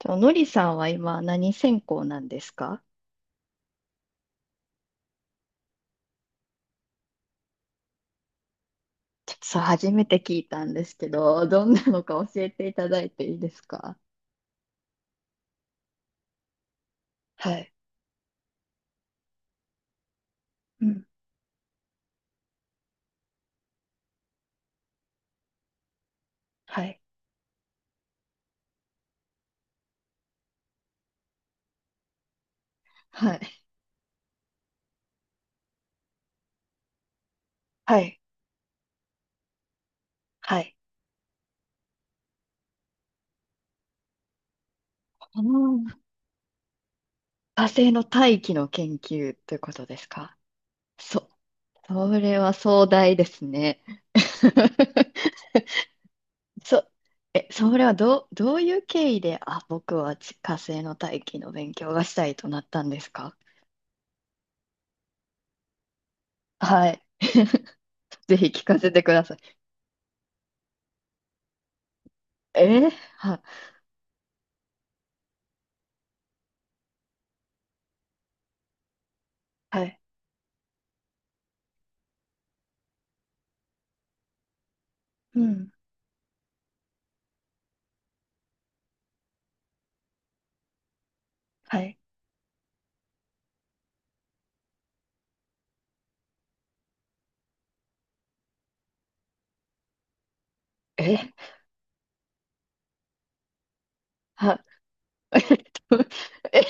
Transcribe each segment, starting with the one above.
と、のりさんは今何専攻なんですか？ちょっとさ、初めて聞いたんですけど、どんなのか教えていただいていいですか？はい。うん。はい。はい。はい。はい。あの、火星の大気の研究ということですか？そ、それは壮大ですね。そ、それはどういう経緯で、あ、僕は火星の大気の勉強がしたいとなったんですか？はい。ぜひ聞かせてください。えー。は、はい。うん。はい。え、は、え、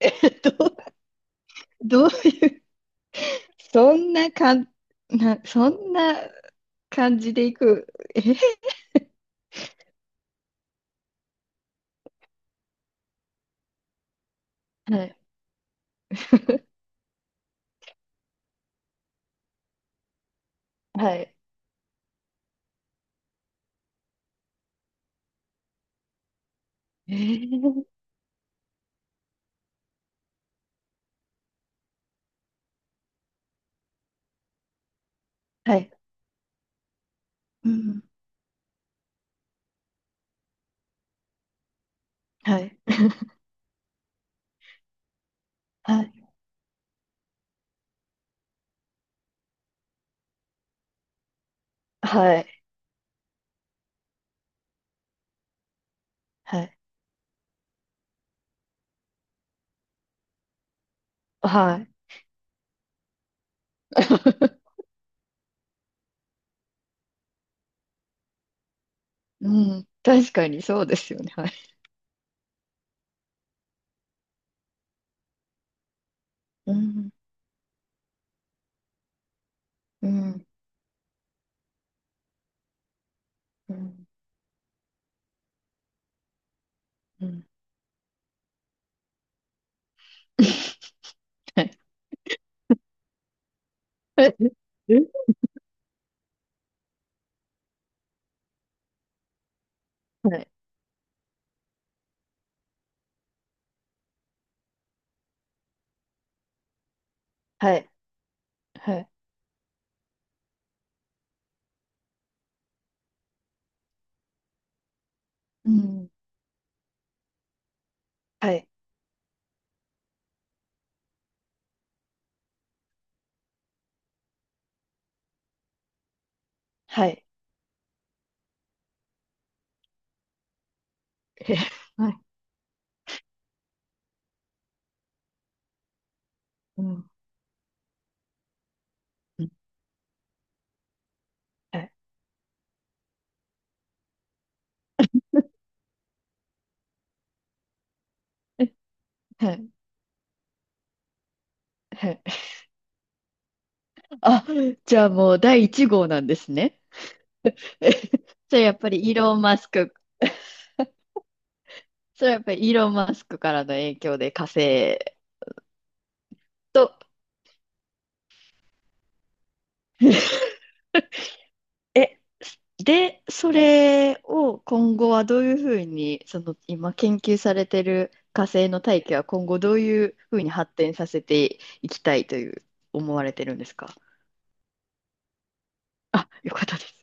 え、どう、どう、そんなかん、な、そんな感じでいく。え、はい、はい、えー、はい、うん。はい、はい、はい、はい、はい。うん、確かにそうですよね。はい。うん。うん、うん、うん。はい。はい。え、はい。はい。はい。うん。はい。はい。え、はい。うん。はい。はい。はい。あ、じゃあもう第1号なんですね。それやっぱりイーロン・マスク、それやっぱりイーロン・マスクからの影響で火星と、え、で、それを今後はどういうふうに、その今研究されてる火星の大気は今後どういうふうに発展させていきたいという思われてるんですか？あ、よかったです。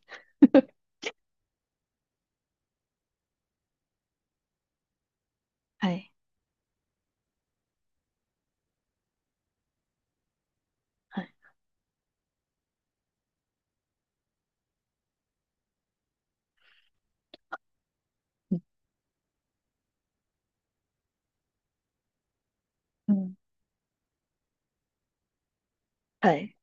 はい。はい。うん。はい。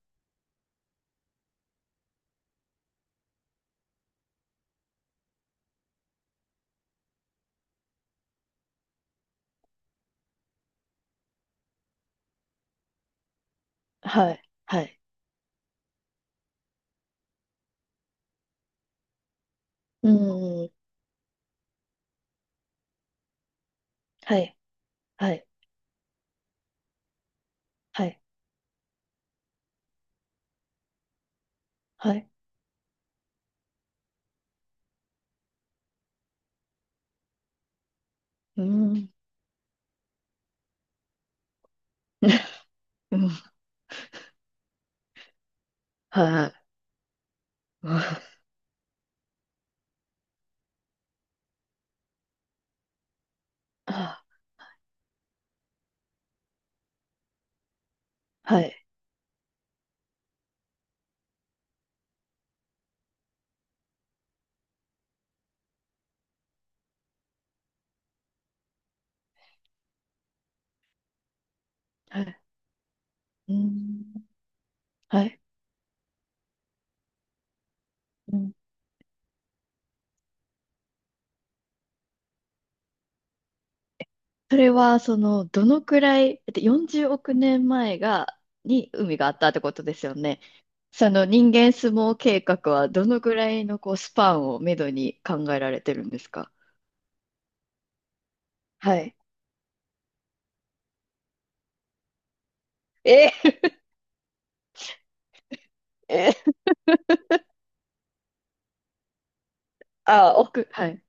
はい。はい。うん。はい。はい。はい。はい。うーん。うん。はい。うん。あ、はい。はい。うーん。はい。うん。それは、その、どのくらい、だって40億年前が、に海があったってことですよね。その人間相撲計画はどのくらいのこうスパンをめどに考えられてるんですか？はい。えー。 えー。あ、奥、はい。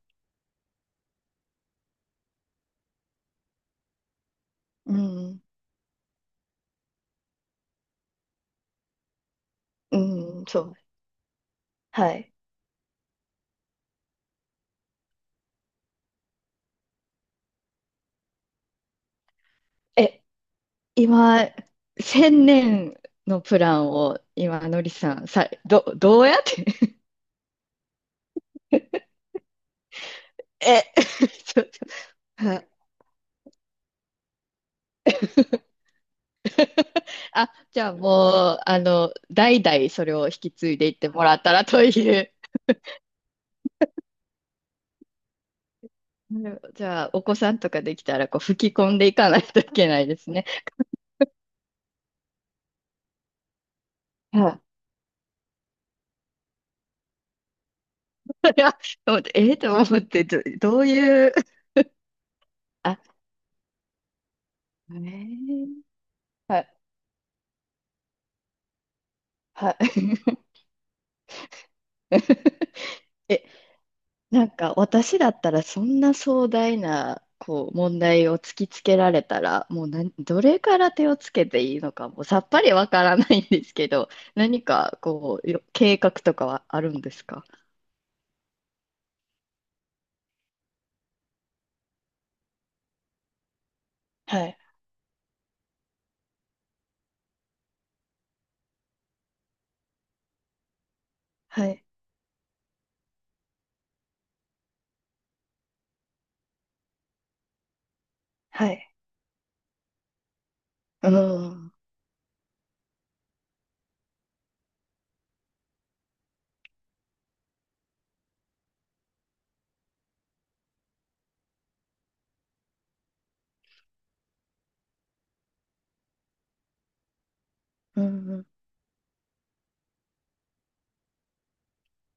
うん。うん、そう。はい。え、今、千年のプランを今、のりさん、どうやって。 え、ちょっと、あ。 あ、じゃあもう、あの、代々それを引き継いでいってもらったらという。なるほど。じゃあ、お子さんとかできたら、こう、吹き込んでいかないといけないですね。はい。いや、と思って、えー、と思って、どういう、あ、えー、はい、はい。なんか私だったらそんな壮大なこう問題を突きつけられたらもう何どれから手をつけていいのかもうさっぱりわからないんですけど、 何かこうよ計画とかはあるんですか？はい、はい、はい。うん。うん。うん。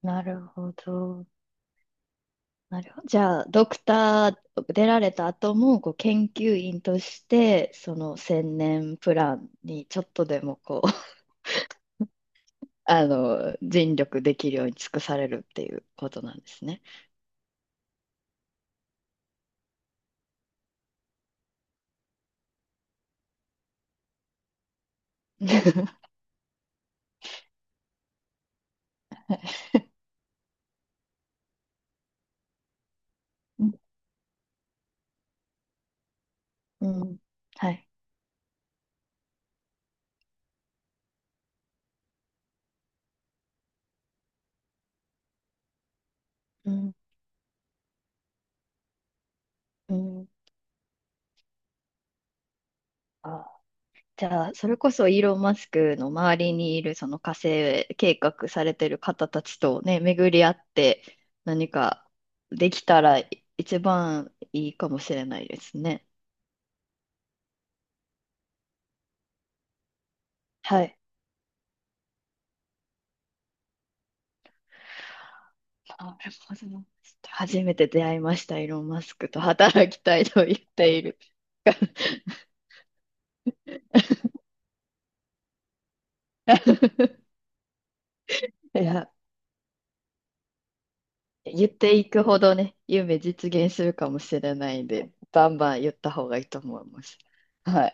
なるほど。なるほど。じゃあ、ドクター出られた後も、こう、研究員として、その千年プランにちょっとでもこうあの、尽力できるように尽くされるっていうことなんですね。うん、はい。うん、うん。あ、じゃあ、それこそイーロン・マスクの周りにいるその火星計画されてる方たちとね、巡り合って何かできたら一番いいかもしれないですね。はい。なるほど。初めて出会いました、イーロン・マスクと働きたいと言っている。いや。言っていくほどね、夢実現するかもしれないんで、バンバン言った方がいいと思います。はい。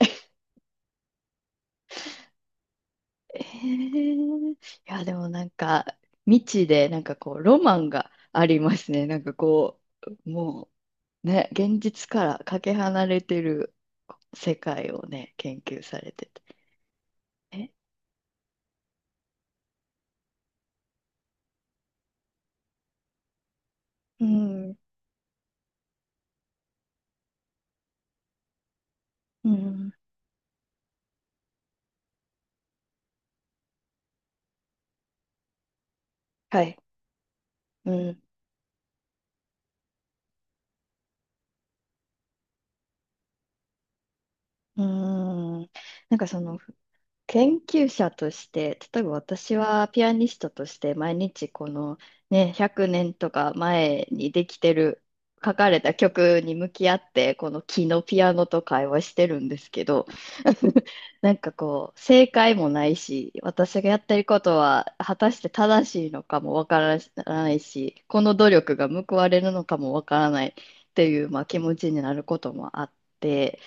えー、いや、でもなんか、未知で、なんかこう、ロマンがありますね。なんかこう、もう、ね、現実からかけ離れてる世界をね、研究されてて。え、うん、うん、はい、うん、うん。なんかその、研究者として、例えば私はピアニストとして毎日このね、100年とか前にできてる、書かれた曲に向き合って、この木のピアノと会話してるんですけど、なんかこう、正解もないし、私がやってることは果たして正しいのかもわからないし、この努力が報われるのかもわからないっていう、まあ、気持ちになることもあって、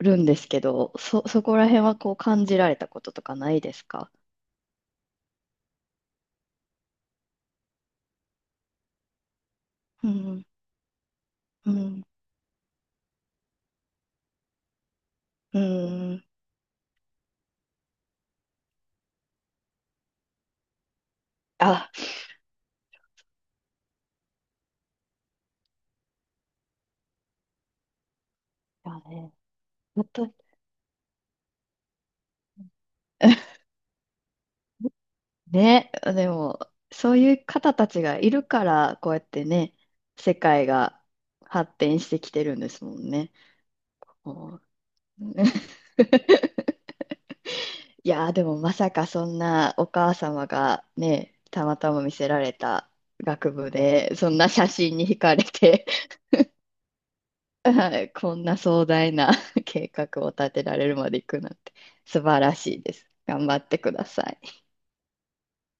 るんですけど、そこら辺はこう感じられたこととかないですか？うん、うん、うん。あ、だね。私ね、でも、そういう方たちがいるから、こうやってね、世界が発展してきてるんですもんね。もう。 いやー、でもまさかそんなお母様がね、たまたま見せられた学部で、そんな写真に惹かれて、はい、こんな壮大な 計画を立てられるまで行くなんて素晴らしいです。頑張ってください。